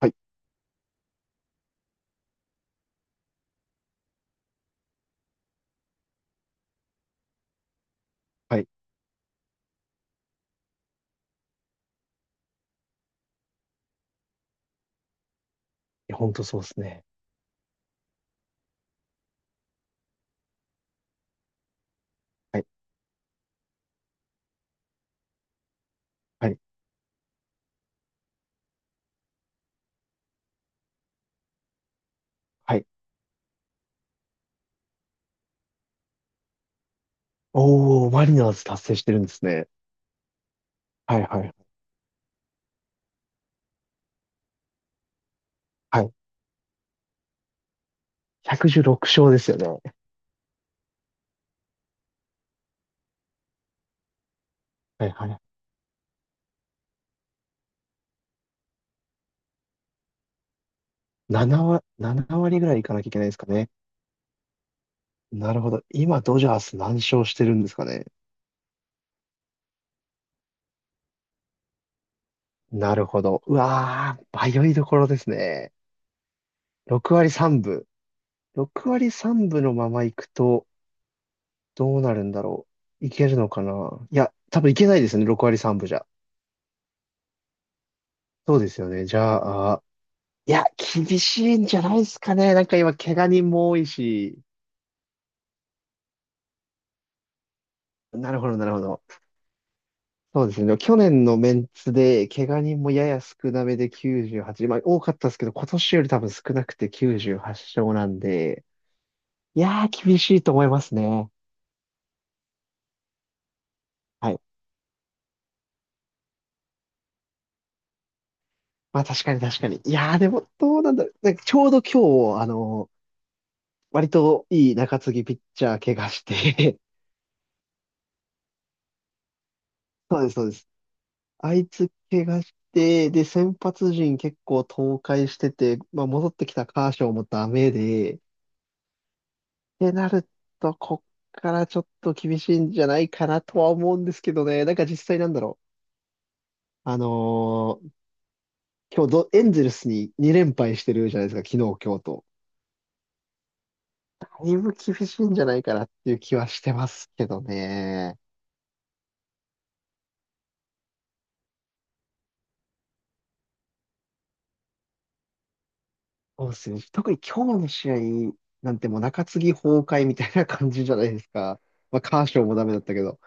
はい、はい。いや、ほんとそうですね。はい、はい、はい。おー、マリナーズ達成してるんですね。はい、はい、はい。116勝ですよね。はい、はい。7割、7割ぐらいいかなきゃいけないですかね。なるほど。今、ドジャース何勝してるんですかね。なるほど。うわー、迷いどころですね。6割3分。6割3分のまま行くと、どうなるんだろう。いけるのかな。いや、多分いけないですね。6割3分じゃ。そうですよね。じゃあ、いや、厳しいんじゃないですかね。なんか今、怪我人も多いし。なるほど、なるほど。そうですね。去年のメンツで、怪我人もやや少なめで98、まあ多かったですけど、今年より多分少なくて98勝なんで、いやー、厳しいと思いますね。はい。まあ確かに確かに。いやー、でも、どうなんだろう。なんかちょうど今日、割といい中継ぎピッチャー怪我して、そうです。あいつ怪我して、で、先発陣結構倒壊してて、まあ、戻ってきたカーショーもダメで、ってなると、こっからちょっと厳しいんじゃないかなとは思うんですけどね。なんか実際なんだろう。今日ど、エンゼルスに2連敗してるじゃないですか、昨日、今日と。だいぶ厳しいんじゃないかなっていう気はしてますけどね。そうですね。特に今日の試合なんてもう中継ぎ崩壊みたいな感じじゃないですか。まあ、カーショーもダメだったけど。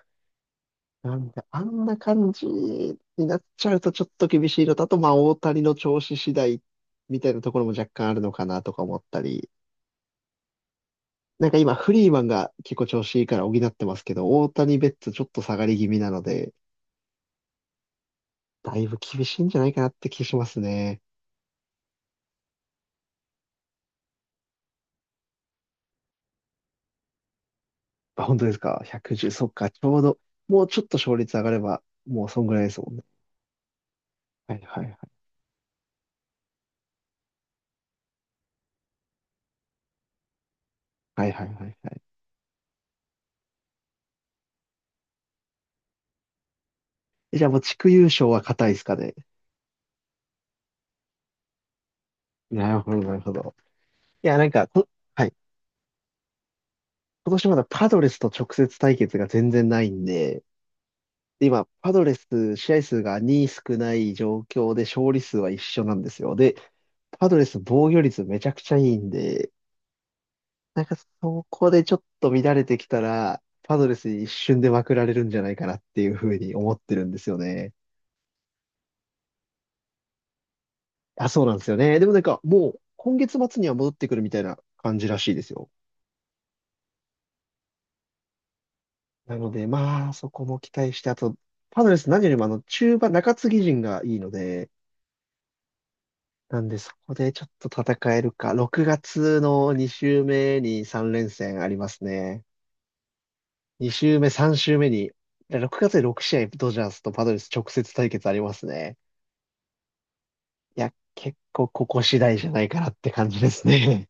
なんで、あんな感じになっちゃうとちょっと厳しいのと、あと、まあ、大谷の調子次第みたいなところも若干あるのかなとか思ったり、なんか今、フリーマンが結構調子いいから補ってますけど、大谷ベッツちょっと下がり気味なので、だいぶ厳しいんじゃないかなって気しますね。あ、本当ですか？ 110、そっか、ちょうど、もうちょっと勝率上がれば、もうそんぐらいですもんね。はいはいはい。はいはいはいはい。え、じゃあもう地区優勝は硬いですかね。なるほど、なるほど。いや、なんか、はい、今年まだパドレスと直接対決が全然ないんで、で今、パドレス試合数が2少ない状況で勝利数は一緒なんですよ。で、パドレス防御率めちゃくちゃいいんで、なんかそこでちょっと乱れてきたら、パドレスに一瞬でまくられるんじゃないかなっていうふうに思ってるんですよね。あ、そうなんですよね。でもなんかもう今月末には戻ってくるみたいな感じらしいですよ。なのでまあそこも期待して、あと、パドレス何よりもあの中盤、中継ぎ陣がいいので、なんで、そこでちょっと戦えるか。6月の2週目に3連戦ありますね。2週目、3週目に、6月で6試合、ドジャースとパドレス直接対決ありますね。いや、結構ここ次第じゃないかなって感じですね。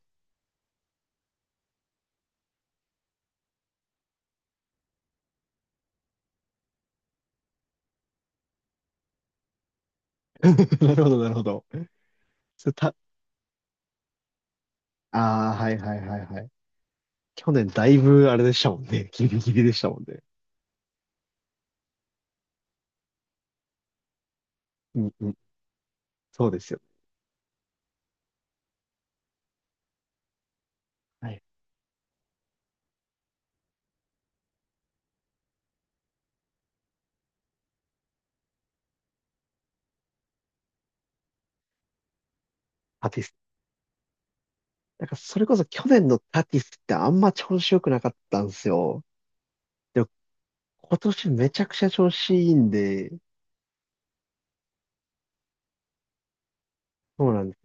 なるほど、なるほど。それた、ああ、はいはいはいはい。去年だいぶあれでしたもんね。ギリギリでしたもんね。うんうん。そうですよ。はい。タティス。なんかそれこそ去年のタティスってあんま調子良くなかったんですよ。今年めちゃくちゃ調子いいんで、そうなんです。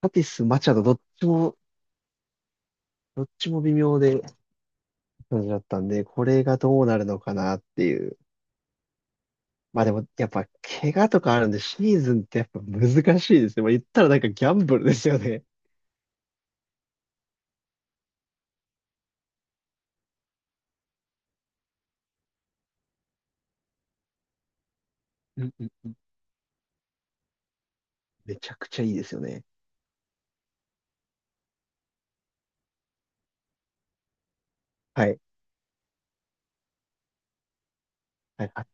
タティス、マチャド、どっちも、どっちも微妙で、感じだったんで、これがどうなるのかなっていう。まあでも、やっぱ、怪我とかあるんで、シーズンってやっぱ難しいですね。まあ言ったらなんかギャンブルですよね。うんうんうん。めちゃくちゃいいですよね。はい。はい。あ、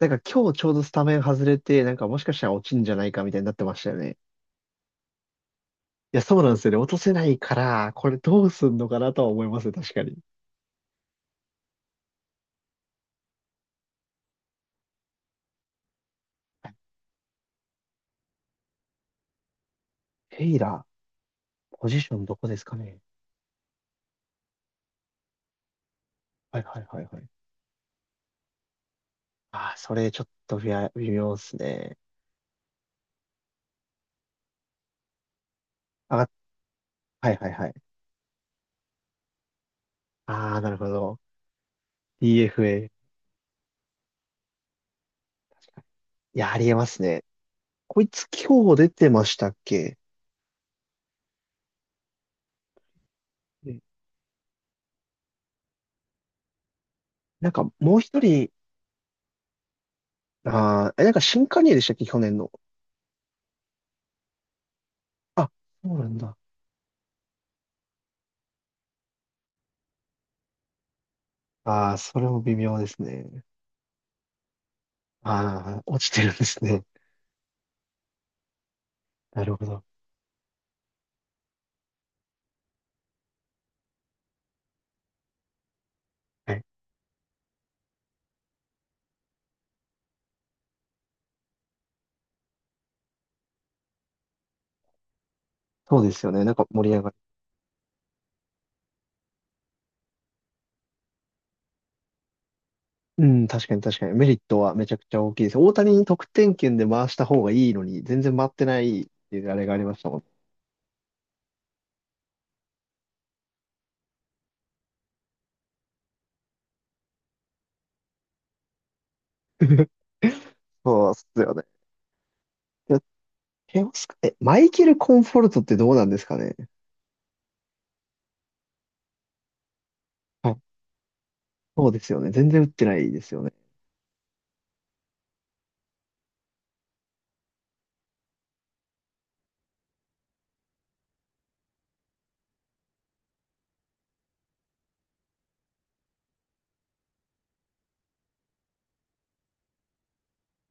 なんか今日ちょうどスタメン外れて、なんかもしかしたら落ちんじゃないかみたいになってましたよね。いや、そうなんですよね。落とせないから、これどうすんのかなとは思いますね、確かに。ヘイラー、ポジションどこですかね。はいはいはいはい。ああ、それちょっと微妙微妙っすね。あ、はいはいはい。ああ、なるほど。DFA。いや、ありえますね。こいつ今日出てましたっけ？で、なんかもう一人、ああ、え、なんか新加入でしたっけ去年の。あ、そうなんだ。ああ、それも微妙ですね。ああ、落ちてるんですね。なるほど。はい。そうですよね。なんか盛り上がる。うん、確かに確かに。メリットはめちゃくちゃ大きいです。大谷に得点圏で回した方がいいのに、全然回ってないっていうあれがありましたもんね。 そうっすよね。いや、テオスカ、え、マイケル・コンフォルトってどうなんですかね。はい、そうですよね。全然打ってないですよね。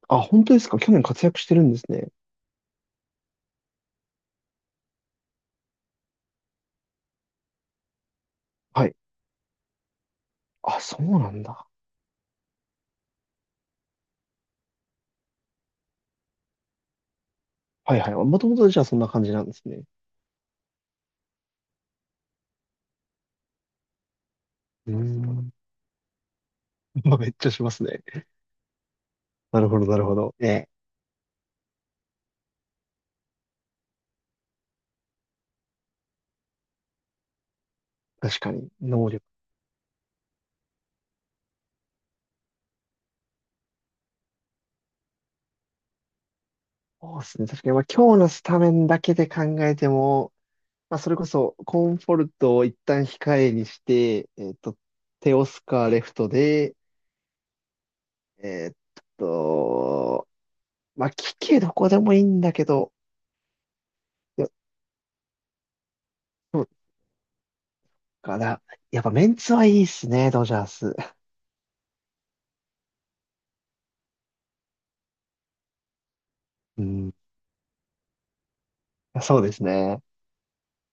あ、本当ですか？去年活躍してるんですね。はい。あ、そうなんだ。はいはい。もともとじゃあそんな感じなんですね。うーん。まあ、めっちゃしますね。なるほど、なるほど。ええ、確かに、能力。そうですね。確かに、まあ、今日のスタメンだけで考えても、まあ、それこそ、コンフォルトを一旦控えにして、テオスカーレフトで、えーっと、まあ、聞けどこでもいいんだけど、いや、そうかな。やっぱメンツはいいっすね、ドジャース。うん、そうですね。